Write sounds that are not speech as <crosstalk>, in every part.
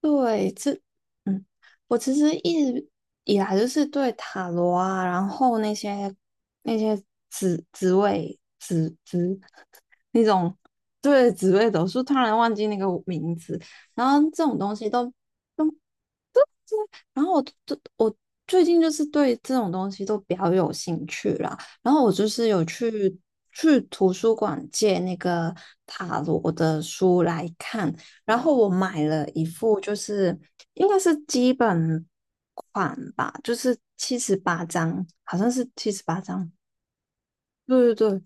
对，嗯，我其实一直以来就是对塔罗啊，然后那些紫紫薇紫紫 <laughs> 那种。对，紫薇斗数，突然忘记那个名字。然后这种东西都。对对。然后我最近就是对这种东西都比较有兴趣啦。然后我就是有去图书馆借那个塔罗的书来看。然后我买了一副，就是应该是基本款吧，就是七十八张，好像是七十八张。对对对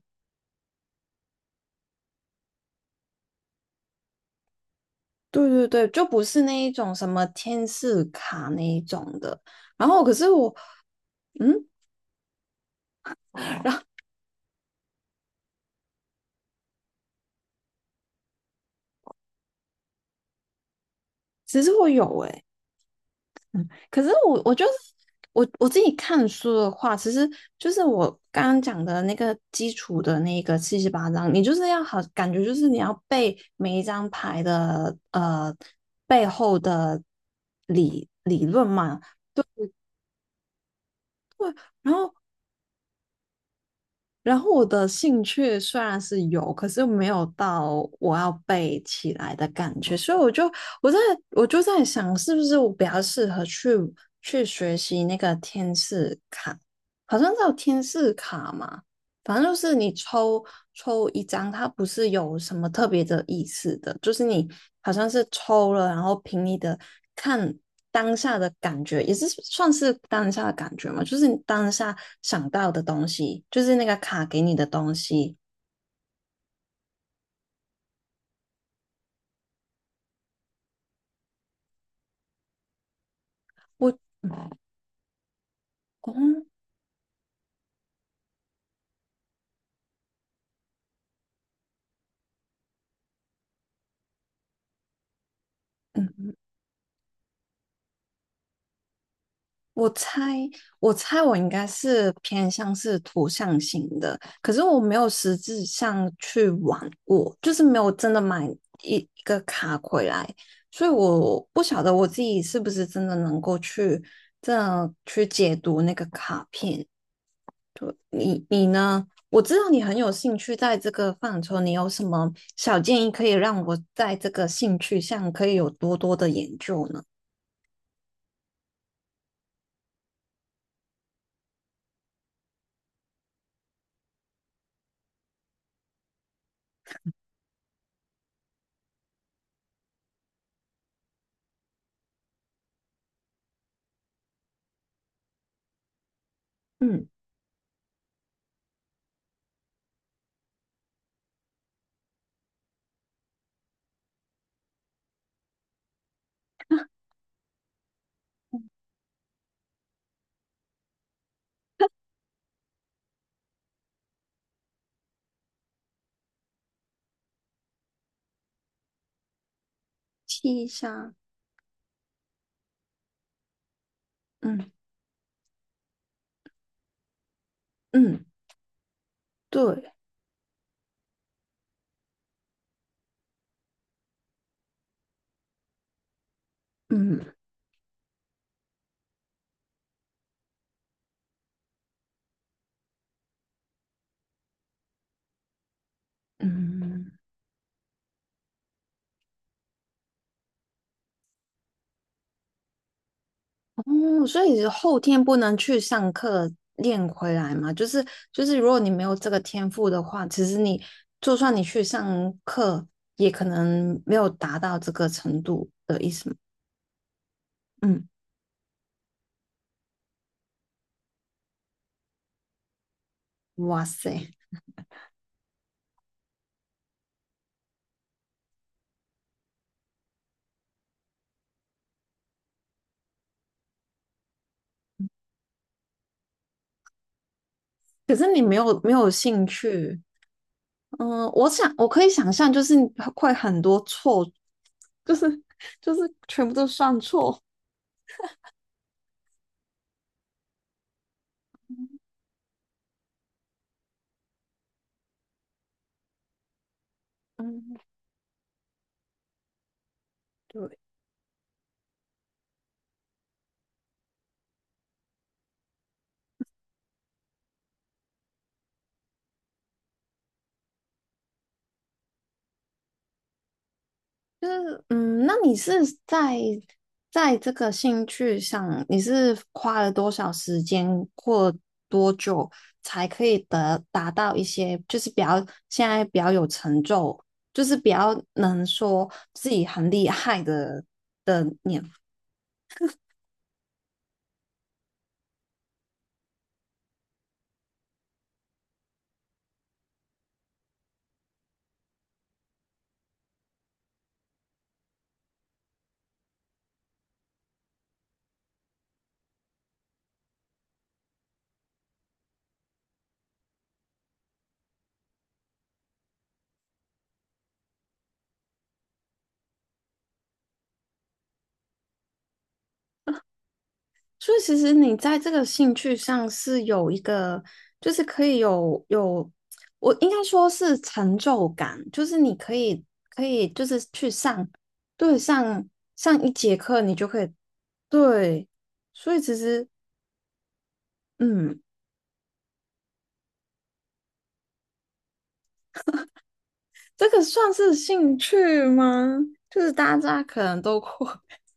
对对对，就不是那一种什么天使卡那一种的。然后可是我。嗯，其实我有诶。嗯，可是我就是我自己看书的话，其实就是我刚刚讲的那个基础的那个七十八张，你就是要好，感觉就是你要背每一张牌的背后的理论嘛。然后然后我的兴趣虽然是有，可是没有到我要背起来的感觉，所以我在我就在想，是不是我比较适合去学习那个天使卡。好像叫天使卡嘛，反正就是你抽一张，它不是有什么特别的意思的，就是你好像是抽了，然后凭你的看当下的感觉，也是算是当下的感觉嘛，就是你当下想到的东西，就是那个卡给你的东西。我嗯。哦。嗯。我猜，我猜，我应该是偏向是图像型的，可是我没有实质上去玩过，就是没有真的买一个卡回来，所以我不晓得我自己是不是真的能够去这样去解读那个卡片。你呢？我知道你很有兴趣在这个范畴，你有什么小建议可以让我在这个兴趣上可以有多多的研究呢？嗯，七杀，嗯嗯。对，嗯嗯，哦，所以后天不能去上课练回来嘛？就是，如果你没有这个天赋的话，其实你就算你去上课，也可能没有达到这个程度的意思吗。嗯，哇塞，可是你没有兴趣。我想我可以想象，就是你会很多错，就是就是全部都算错。嗯，对，就是那你是在这个兴趣上，你是花了多少时间或多久才可以得达到一些，就是比较现在比较有成就，就是比较能说自己很厉害的。所以其实你在这个兴趣上是有一个，就是可以有，我应该说是成就感，就是你可以就是去上。对，上一节课你就可以。对，所以其实嗯，这个算是兴趣吗？就是大家可能都会。<laughs>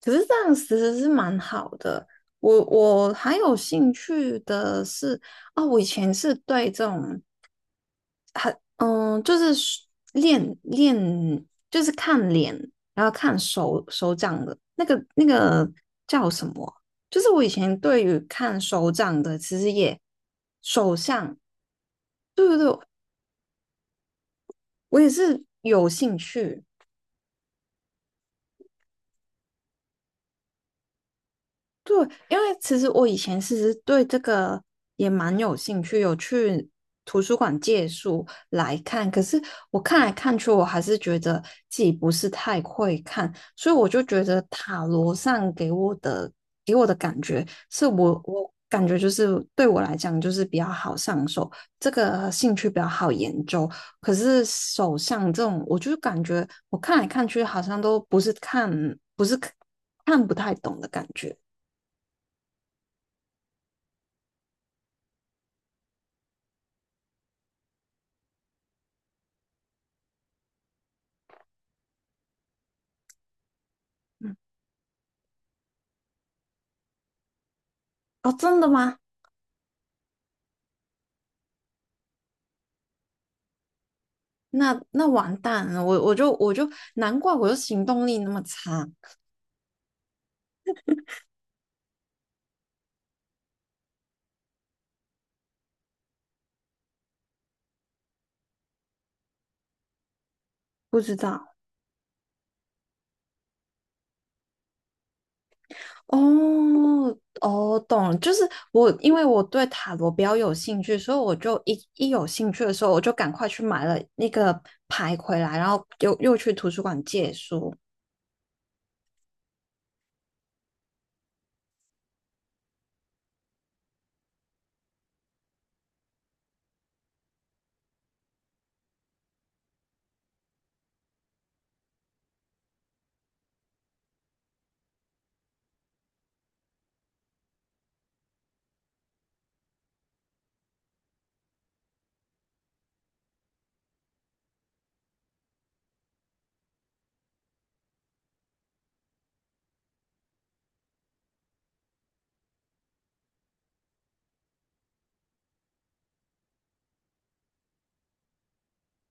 可是这样其实是蛮好的。我还有兴趣的是。啊，我以前是对这种。嗯，就是练练，就是看脸，然后看手掌的那个叫什么啊。就是我以前对于看手掌的，其实也手相。对对对，我也是有兴趣。对，因为其实我以前其实对这个也蛮有兴趣，有去图书馆借书来看。可是我看来看去，我还是觉得自己不是太会看，所以我就觉得塔罗上给我的给我的感觉是我感觉就是对我来讲就是比较好上手，这个兴趣比较好研究。可是手相这种，我就感觉我看来看去好像都不是看不是看看不太懂的感觉。嗯。哦，真的吗？那完蛋了，我我就我就难怪我就行动力那么差。不知道。哦哦，懂了，就是因为我对塔罗比较有兴趣，所以我就一有兴趣的时候，我就赶快去买了那个牌回来，然后又去图书馆借书。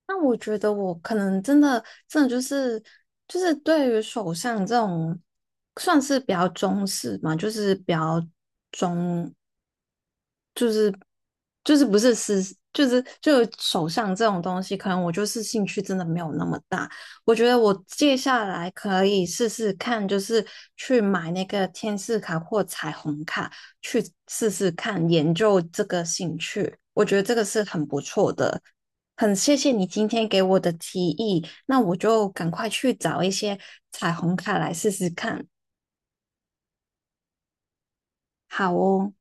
那我觉得我可能真的就是对于手相这种算是比较中式嘛，就是比较。中就是就是不是是就是就手上这种东西，可能我就是兴趣真的没有那么大。我觉得我接下来可以试试看，就是去买那个天使卡或彩虹卡，去试试看研究这个兴趣。我觉得这个是很不错的，很谢谢你今天给我的提议，那我就赶快去找一些彩虹卡来试试看。好哦。